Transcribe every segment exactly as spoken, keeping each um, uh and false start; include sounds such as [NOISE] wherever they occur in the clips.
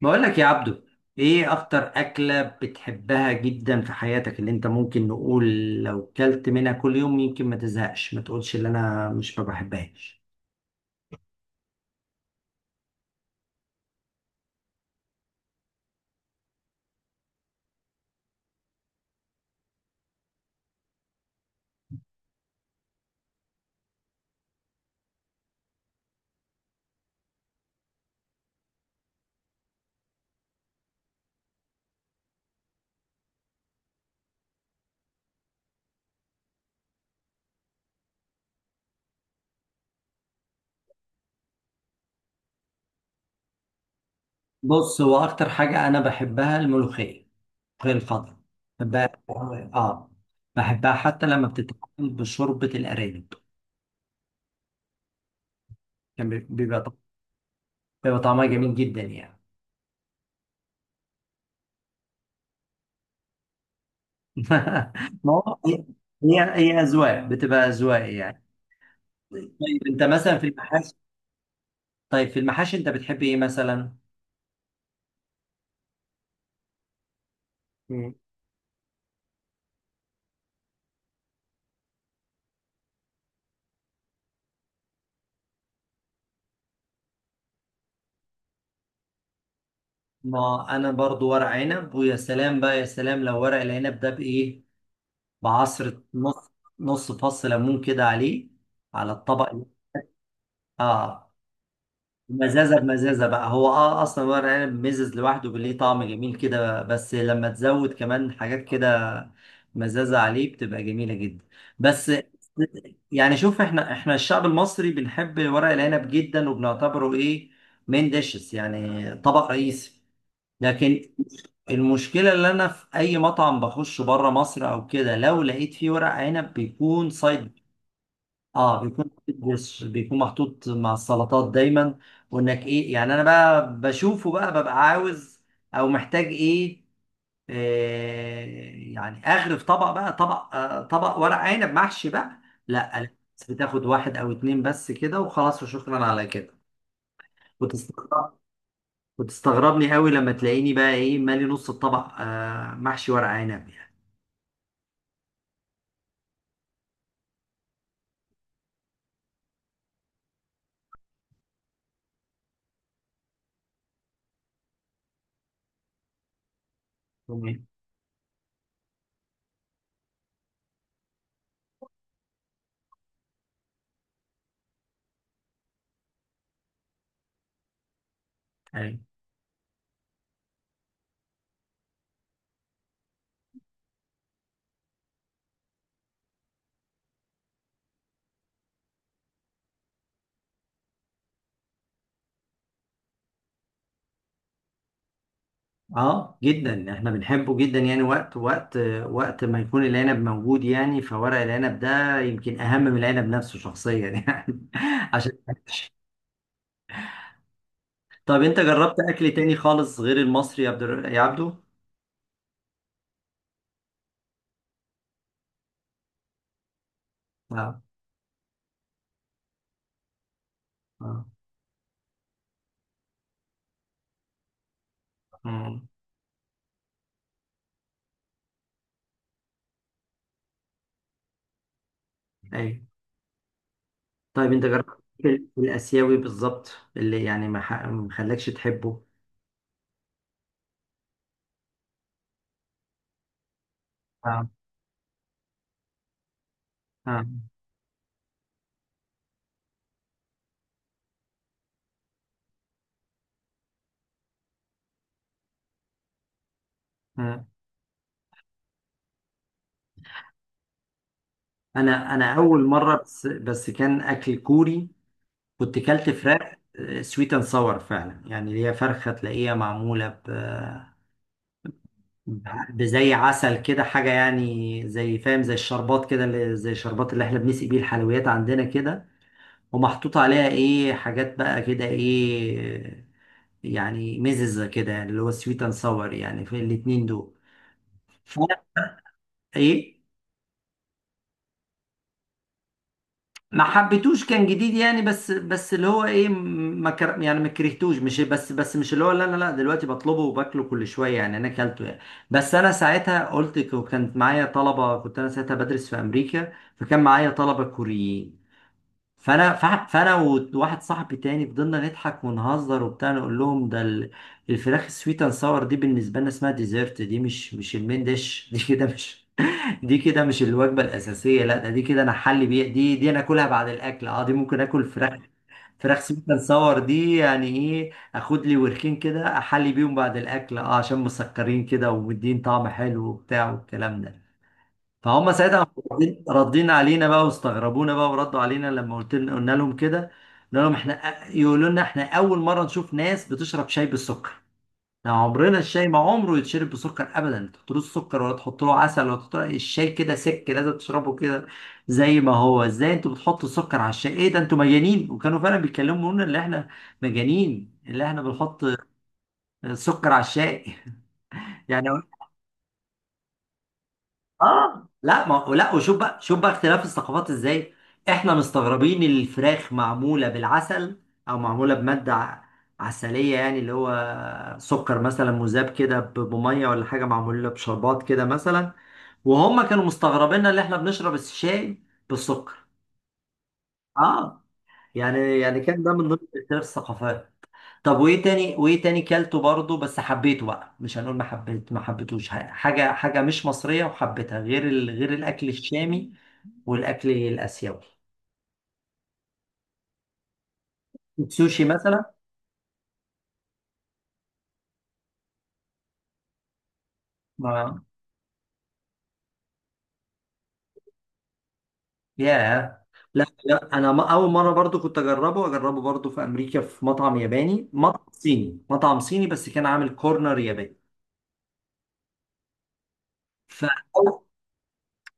بقول لك يا عبدو، ايه اكتر اكلة بتحبها جدا في حياتك اللي انت ممكن نقول لو كلت منها كل يوم، يمكن ما تزهقش، ما تقولش اللي انا مش ما بحبهاش؟ بص، هو اكتر حاجة انا بحبها الملوخية. الملوخية الخضراء، بحبها اه. بحبها حتى لما بتتعمل بشوربة الارانب. كان بي- بيبقى طع- بيبقى طعمها جميل جدا يعني. [LAUGHS] ما هو هي هي هي اذواق بتبقى اذواق يعني. طيب، انت مثلا في المحاشي طيب في المحاشي انت بتحب ايه مثلا؟ مم. ما انا برضو ورق عنب، ويا سلام بقى، يا سلام لو ورق العنب ده بايه، بعصرة نص نص فص ليمون كده عليه، على الطبق. اه. مزازة بمزازة بقى هو، اه اصلا ورق عنب مزز لوحده ليه طعم جميل كده، بس لما تزود كمان حاجات كده مزازة عليه بتبقى جميلة جدا بس. يعني شوف، احنا احنا الشعب المصري بنحب ورق العنب جدا، وبنعتبره ايه، مين ديشز يعني طبق رئيسي. لكن المشكلة، اللي انا في اي مطعم بخش بره مصر او كده لو لقيت فيه ورق عنب بيكون سايد. اه، بيكون محطوط- دش، بيكون محطوط مع السلطات دايما، وانك ايه يعني. انا بقى بشوفه بقى ببقى عاوز، او محتاج ايه، آه يعني اغرف طبق بقى، طبق، آه طبق ورق عنب محشي بقى. لا، بس بتاخد واحد او اتنين بس كده، وخلاص وشكرا على كده. وتستغرب وتستغربني قوي لما تلاقيني بقى ايه، مالي نص الطبق آه محشي ورق عنب يعني. تمام. أيوة. اه جدا، احنا بنحبه جدا يعني. وقت وقت وقت ما يكون العنب موجود، يعني فورق العنب ده يمكن اهم من العنب نفسه شخصيا يعني. [LAUGHS] عشان طب انت جربت اكل تاني خالص غير المصري، يا عبد الر- يا عبدو؟ اه. اه. آه. ايوه. طيب، انت جربت ال- الاسيوي بالظبط، اللي يعني ما ح- ما خلاكش تحبه؟ اه. اه. آه. انا انا اول مره، بس بس كان اكل كوري. كنت كلت فراخ سويت اند ساور فعلا، يعني اللي هي فرخه تلاقيها معموله ب ب- بزي عسل كده حاجه، يعني زي، فاهم، زي الشربات كده، اللي زي الشربات اللي احنا بنسقي بيه الحلويات عندنا كده. ومحطوط عليها ايه حاجات بقى كده، ايه يعني مززه كده، يعني اللي هو سويت اند ساور يعني في الاتنين دول. ف- ايه، ما حبيتوش، كان جديد يعني، بس بس اللي هو ايه، ما كر... يعني ما كرهتوش، مش بس بس مش اللي هو، لا لا لا، دلوقتي بطلبه وباكله كل شويه يعني، انا اكلته يعني. بس انا ساعتها قلت ك- وكانت معايا طلبه، كنت انا ساعتها بدرس في امريكا، فكان معايا طلبه كوريين. فانا ف- فانا وواحد صاحبي تاني فضلنا نضحك ونهزر وبتاع، نقول لهم ده ال- الفراخ السويت اند ساور دي بالنسبه لنا اسمها ديزرت، دي مش مش المين ديش، دي كده مش، دي كده مش الوجبة الأساسية، لا ده دي كده أنا حل بيها، دي دي أنا آكلها بعد الأكل، أه دي ممكن آكل فراخ، فراخ سميك أند صور دي، يعني إيه، آخد لي وركين كده أحلي بيهم بعد الأكل، أه عشان مسكرين كده ومدين طعم حلو وبتاع والكلام ده. فهم ساعتها ردين ردين علينا بقى، واستغربونا بقى، وردوا علينا لما قلت لنا قلنا لهم كده. قلنا لهم إحنا يقولوا لنا إحنا أول مرة نشوف ناس بتشرب شاي بالسكر. يعني عمرنا الشاي ما عمره يتشرب بسكر ابدا، تحطلوش سكر، ولا تحط له عسل، ولا تحط له، الشاي كده سك لازم تشربه كده زي ما هو. ازاي انتوا بتحطوا السكر على الشاي، ايه ده انتوا مجانين؟ وكانوا فعلا بيتكلموا لنا اللي احنا مجانين، اللي احنا بنحط سكر على الشاي. [LAUGHS] يعني اه، لا ما لا. وشوف بقى، شوف بقى اختلاف الثقافات ازاي. احنا مستغربين الفراخ معموله بالعسل، او معموله بماده ع- عسليه، يعني اللي هو سكر مثلا مذاب كده ب- بميه ولا حاجه، معموله بشربات كده مثلا. وهم كانوا مستغربيننا اللي احنا بنشرب الشاي بالسكر، اه. يعني يعني كان ده من ضمن اختلاف الثقافات. طب وايه تاني وايه تاني كلته برضه بس حبيته بقى، مش هنقول ما حبيت ما حبيتوش. ح- حاجه حاجه مش مصريه وحبيتها، غير ال... غير الاكل الشامي والاكل الاسيوي، السوشي مثلا. ما ياه. لا لا، انا ما اول مره برضو كنت اجربه اجربه برضو في امريكا، في مطعم ياباني مطعم صيني مطعم صيني بس كان عامل كورنر ياباني. فاول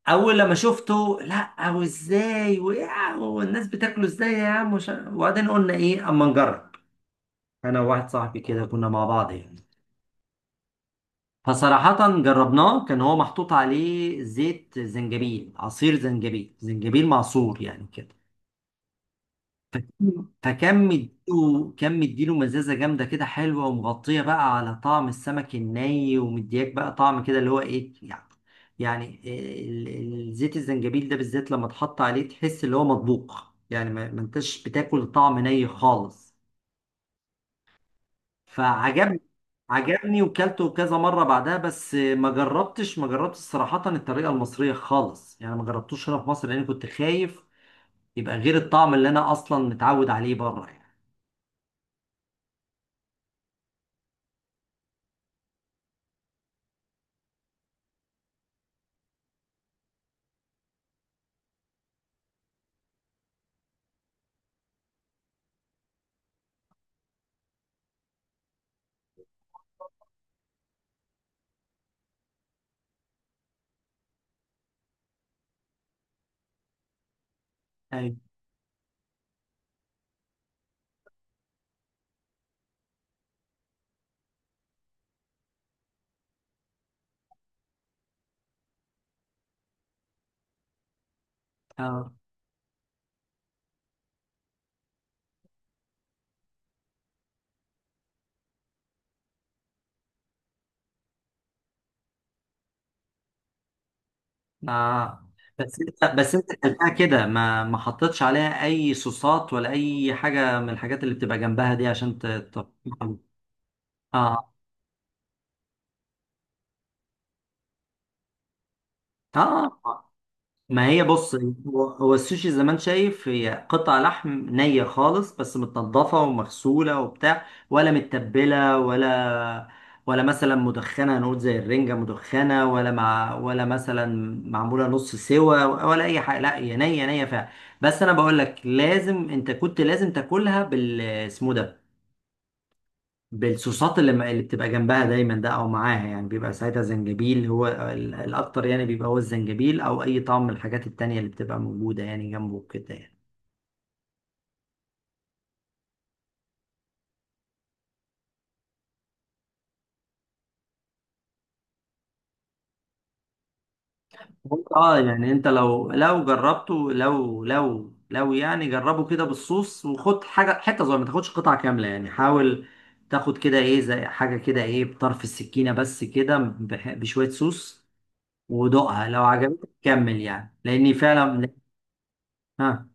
لما شفته، لا، وازاي، وإيه؟ والناس بتاكله ازاي يا عم؟ وش- وبعدين قلنا ايه اما نجرب. انا وواحد صاحبي كده كنا مع بعض يعني، فصراحة جربناه، كان هو محطوط عليه زيت زنجبيل، عصير زنجبيل، زنجبيل معصور يعني كده. فكان فكان مديله كان مديله مزازة جامدة كده حلوة، ومغطية بقى على طعم السمك الني، ومدياك بقى طعم كده اللي هو ايه يعني. يعني إيه، ال- ال- زيت الزنجبيل ده بالذات لما تحط عليه تحس اللي هو مطبوخ، يعني ما ما انتش بتاكل طعم ني خالص، فعجبني. عجبني وكلته كذا مرة بعدها، بس ما جربتش ما جربتش صراحة الطريقة المصرية خالص يعني، ما جربتوش هنا في مصر، لأني كنت خايف يبقى غير الطعم اللي أنا أصلا متعود عليه بره يعني. ايوه. اه. آه. بس أنت بس أنت أكلتها كده، ما ما حطيتش عليها أي صوصات، ولا أي حاجة من الحاجات اللي بتبقى جنبها دي، عشان ت... ت- [LAUGHS] آه. آه. ما هي بص، هو هو السوشي زي ما انت شايف، هي قطع لحم نية خالص، بس متنضفة ومغسولة وبتاع، ولا متبلة ولا ولا مثلا مدخنة، هنقول زي الرنجة مدخنة، ولا مع ولا مثلا معمولة نص سوا، ولا أي حاجة. لا، هي نية نية فعلا. بس أنا بقول لك، لازم أنت كنت لازم تاكلها بال، اسمه ده، بالصوصات اللي, ما- اللي بتبقى جنبها دايما ده او معاها، يعني بيبقى ساعتها زنجبيل هو ال- الاكتر يعني، بيبقى هو الزنجبيل او اي طعم من الحاجات التانية اللي بتبقى موجودة يعني جنبه كده يعني. اه يعني، انت لو لو جربته، لو لو لو يعني جربه كده بالصوص، وخد حاجة، حتة صغيرة، ما تاخدش قطعة كاملة يعني. حاول تاخد كده ايه، زي حاجة كده، ايه بطرف السكينة بس كده، بح- بشوية صوص، ودوقها لو عجبتك كمل يعني، لاني فعلا. ها.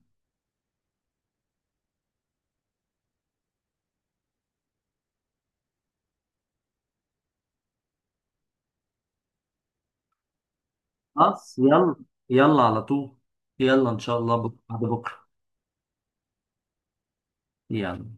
خلاص يلا، يلا على طول، يلا ان شاء الله بكره بعد بكره، يلا.